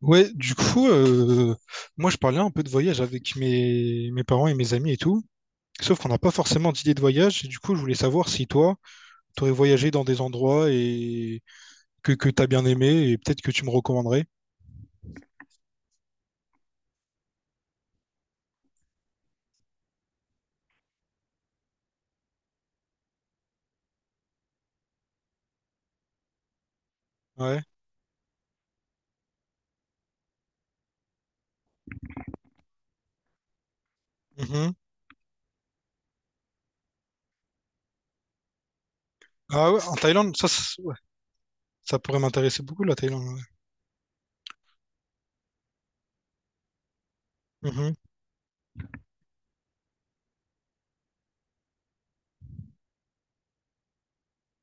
Ouais, du coup, euh, moi je parlais un peu de voyage avec mes parents et mes amis et tout. Sauf qu'on n'a pas forcément d'idée de voyage. Et du coup, je voulais savoir si toi, tu aurais voyagé dans des endroits et que tu as bien aimé et peut-être que tu me recommanderais. Ouais. Mhm. Ah ouais, en Thaïlande, ça, c'est- ouais, ça pourrait m'intéresser beaucoup, la Thaïlande. Ouais. Mhm.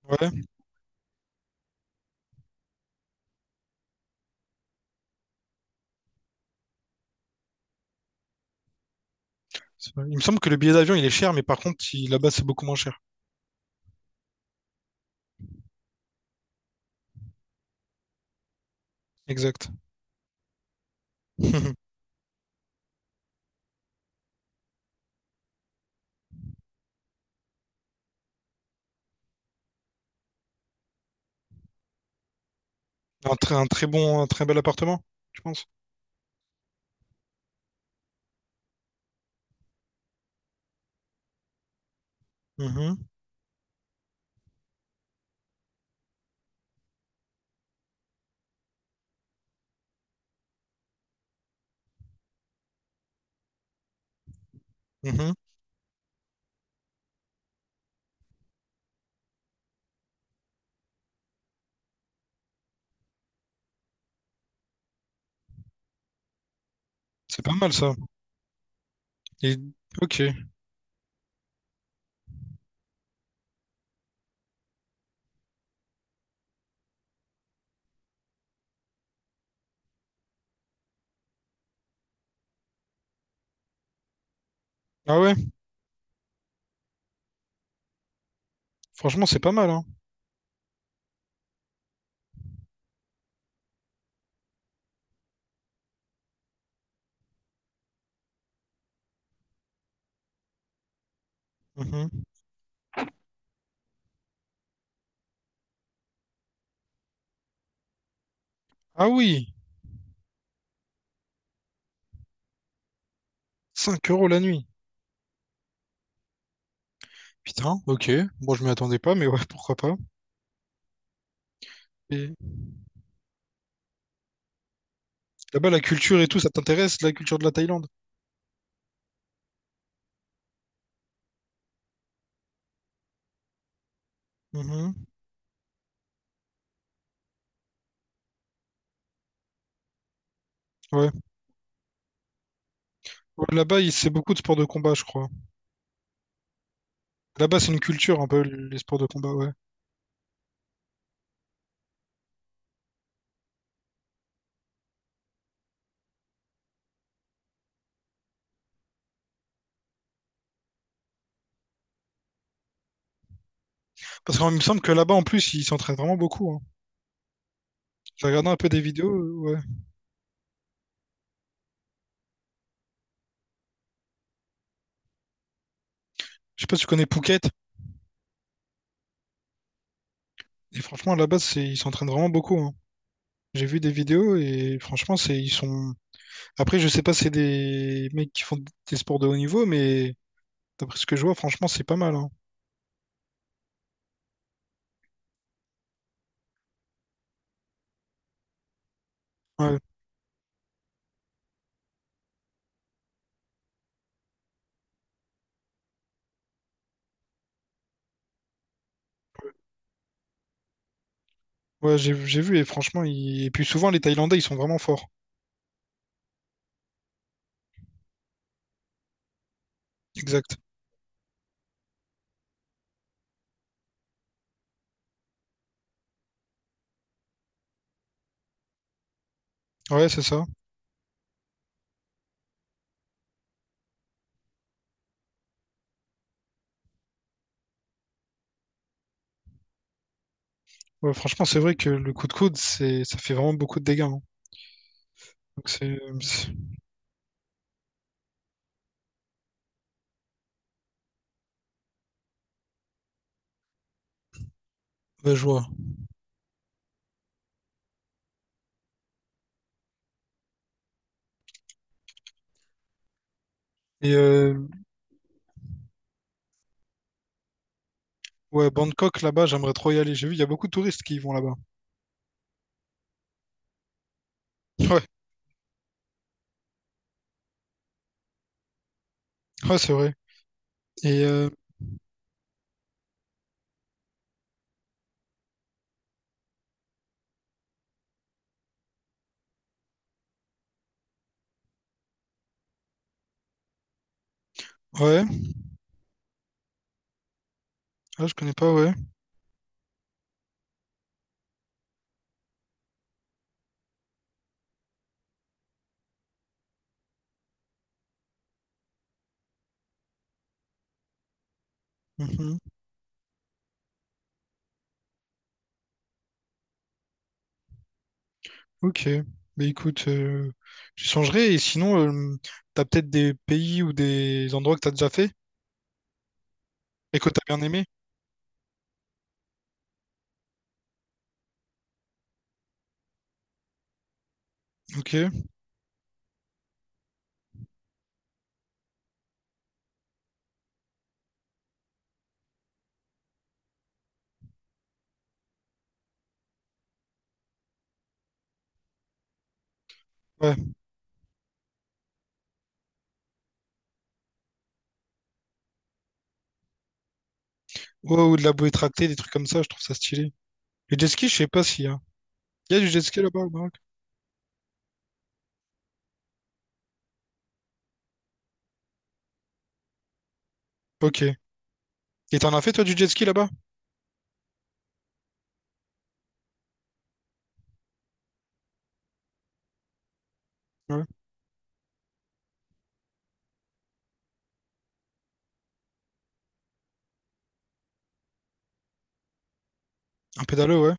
Ouais. C'est vrai. Il me semble que le billet d'avion, il est cher, mais par contre, il- là-bas, c'est beaucoup moins cher. Exact. Un très bon, un très bel appartement, je pense. Mhm. Mhm. C'est pas mal ça. Et... Ok. Ah ouais, franchement, c'est pas mal, hein. Mhm. Ah oui, 5 euros la nuit. Putain, ok. Bon, je m'y attendais pas, mais ouais, pourquoi pas. Et là-bas, la culture et tout, ça t'intéresse, la culture de la Thaïlande? Mhm. Ouais. Ouais, là-bas, il- c'est beaucoup de sports de combat, je crois. Là-bas, c'est une culture un peu, les sports de combat, ouais. Parce qu'il me semble que là-bas, en plus, ils s'entraînent vraiment beaucoup, hein. J'ai regardé un peu des vidéos, ouais. Je sais pas si tu connais Phuket. Et franchement, là-bas, c'est, ils s'entraînent vraiment beaucoup, hein. J'ai vu des vidéos et franchement, c'est, ils sont. Après, je sais pas si c'est des mecs qui font des sports de haut niveau, mais d'après ce que je vois, franchement, c'est pas mal, hein. Ouais, ouais, j'ai vu et franchement, ils- et puis souvent les Thaïlandais, ils sont vraiment forts. Exact. Ouais, c'est ça. Ouais, franchement, c'est vrai que le coup de coude, c'est, ça fait vraiment beaucoup de dégâts, hein. Donc c'est- ouais, je vois. Et ouais, Bangkok là-bas, j'aimerais trop y aller. J'ai vu, il y a beaucoup de touristes qui y vont là-bas. Ouais, ouais, c'est vrai. Et ouais, ah, je connais pas, ouais. Mhm. Ok. Mais écoute, j'y songerai. Et sinon, t'as peut-être des pays ou des endroits que t'as déjà fait et que t'as bien aimé. Ok. Ouais. Ouais, ou de la bouée tractée, des trucs comme ça, je trouve ça stylé. Le jet ski, je sais pas s'il y a. Il y a du jet ski là-bas au Maroc? Ok. Et t'en as fait toi du jet ski là-bas? Ouais. Un pédalo, ouais.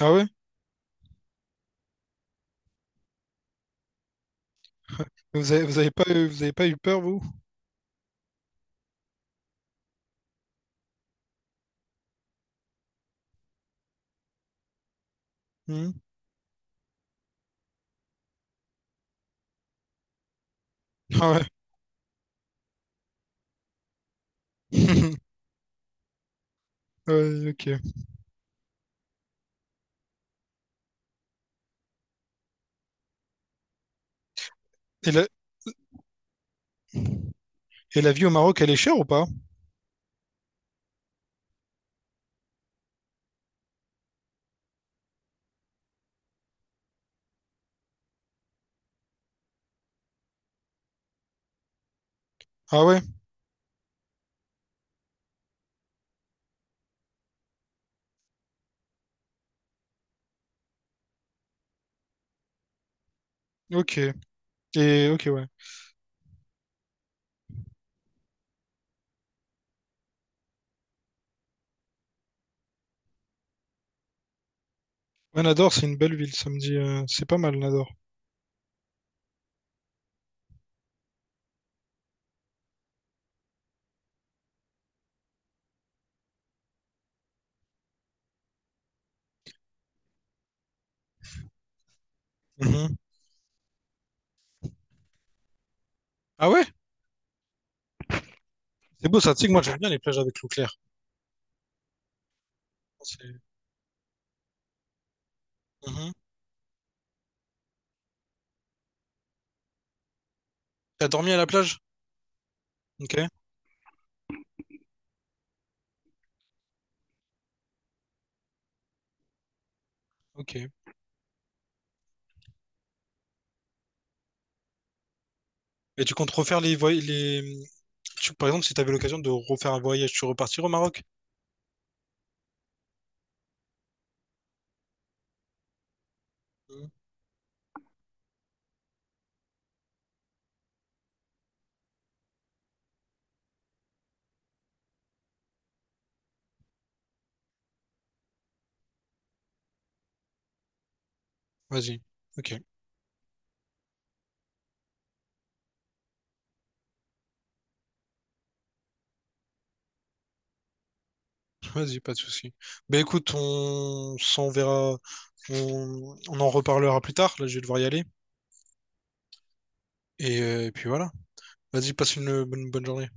Ah ouais? Vous avez pas eu peur, vous? Hmm. Ah ouais. Ouais, ok. Et la, et la vie au Maroc, elle est chère ou pas? Ah ouais? Ok. Et ok, ouais. Ouais, Nador, c'est une belle ville, ça me dit. Euh, c'est pas mal, Nador. Mhm. Ah ouais? C'est beau ça, tu sais que moi j'aime bien les plages avec l'eau claire. C'est- Mhm. T'as dormi à la plage? Ok. Ok. Et tu comptes refaire les, voy- les, tu- Par exemple, si tu avais l'occasion de refaire un voyage, tu repartirais au Maroc? Mhm. Vas-y. Ok, vas-y, pas de souci. Ben écoute, on s'en verra, on en reparlera plus tard. Là, je vais devoir y aller. Et puis voilà. Vas-y, passe une bonne journée.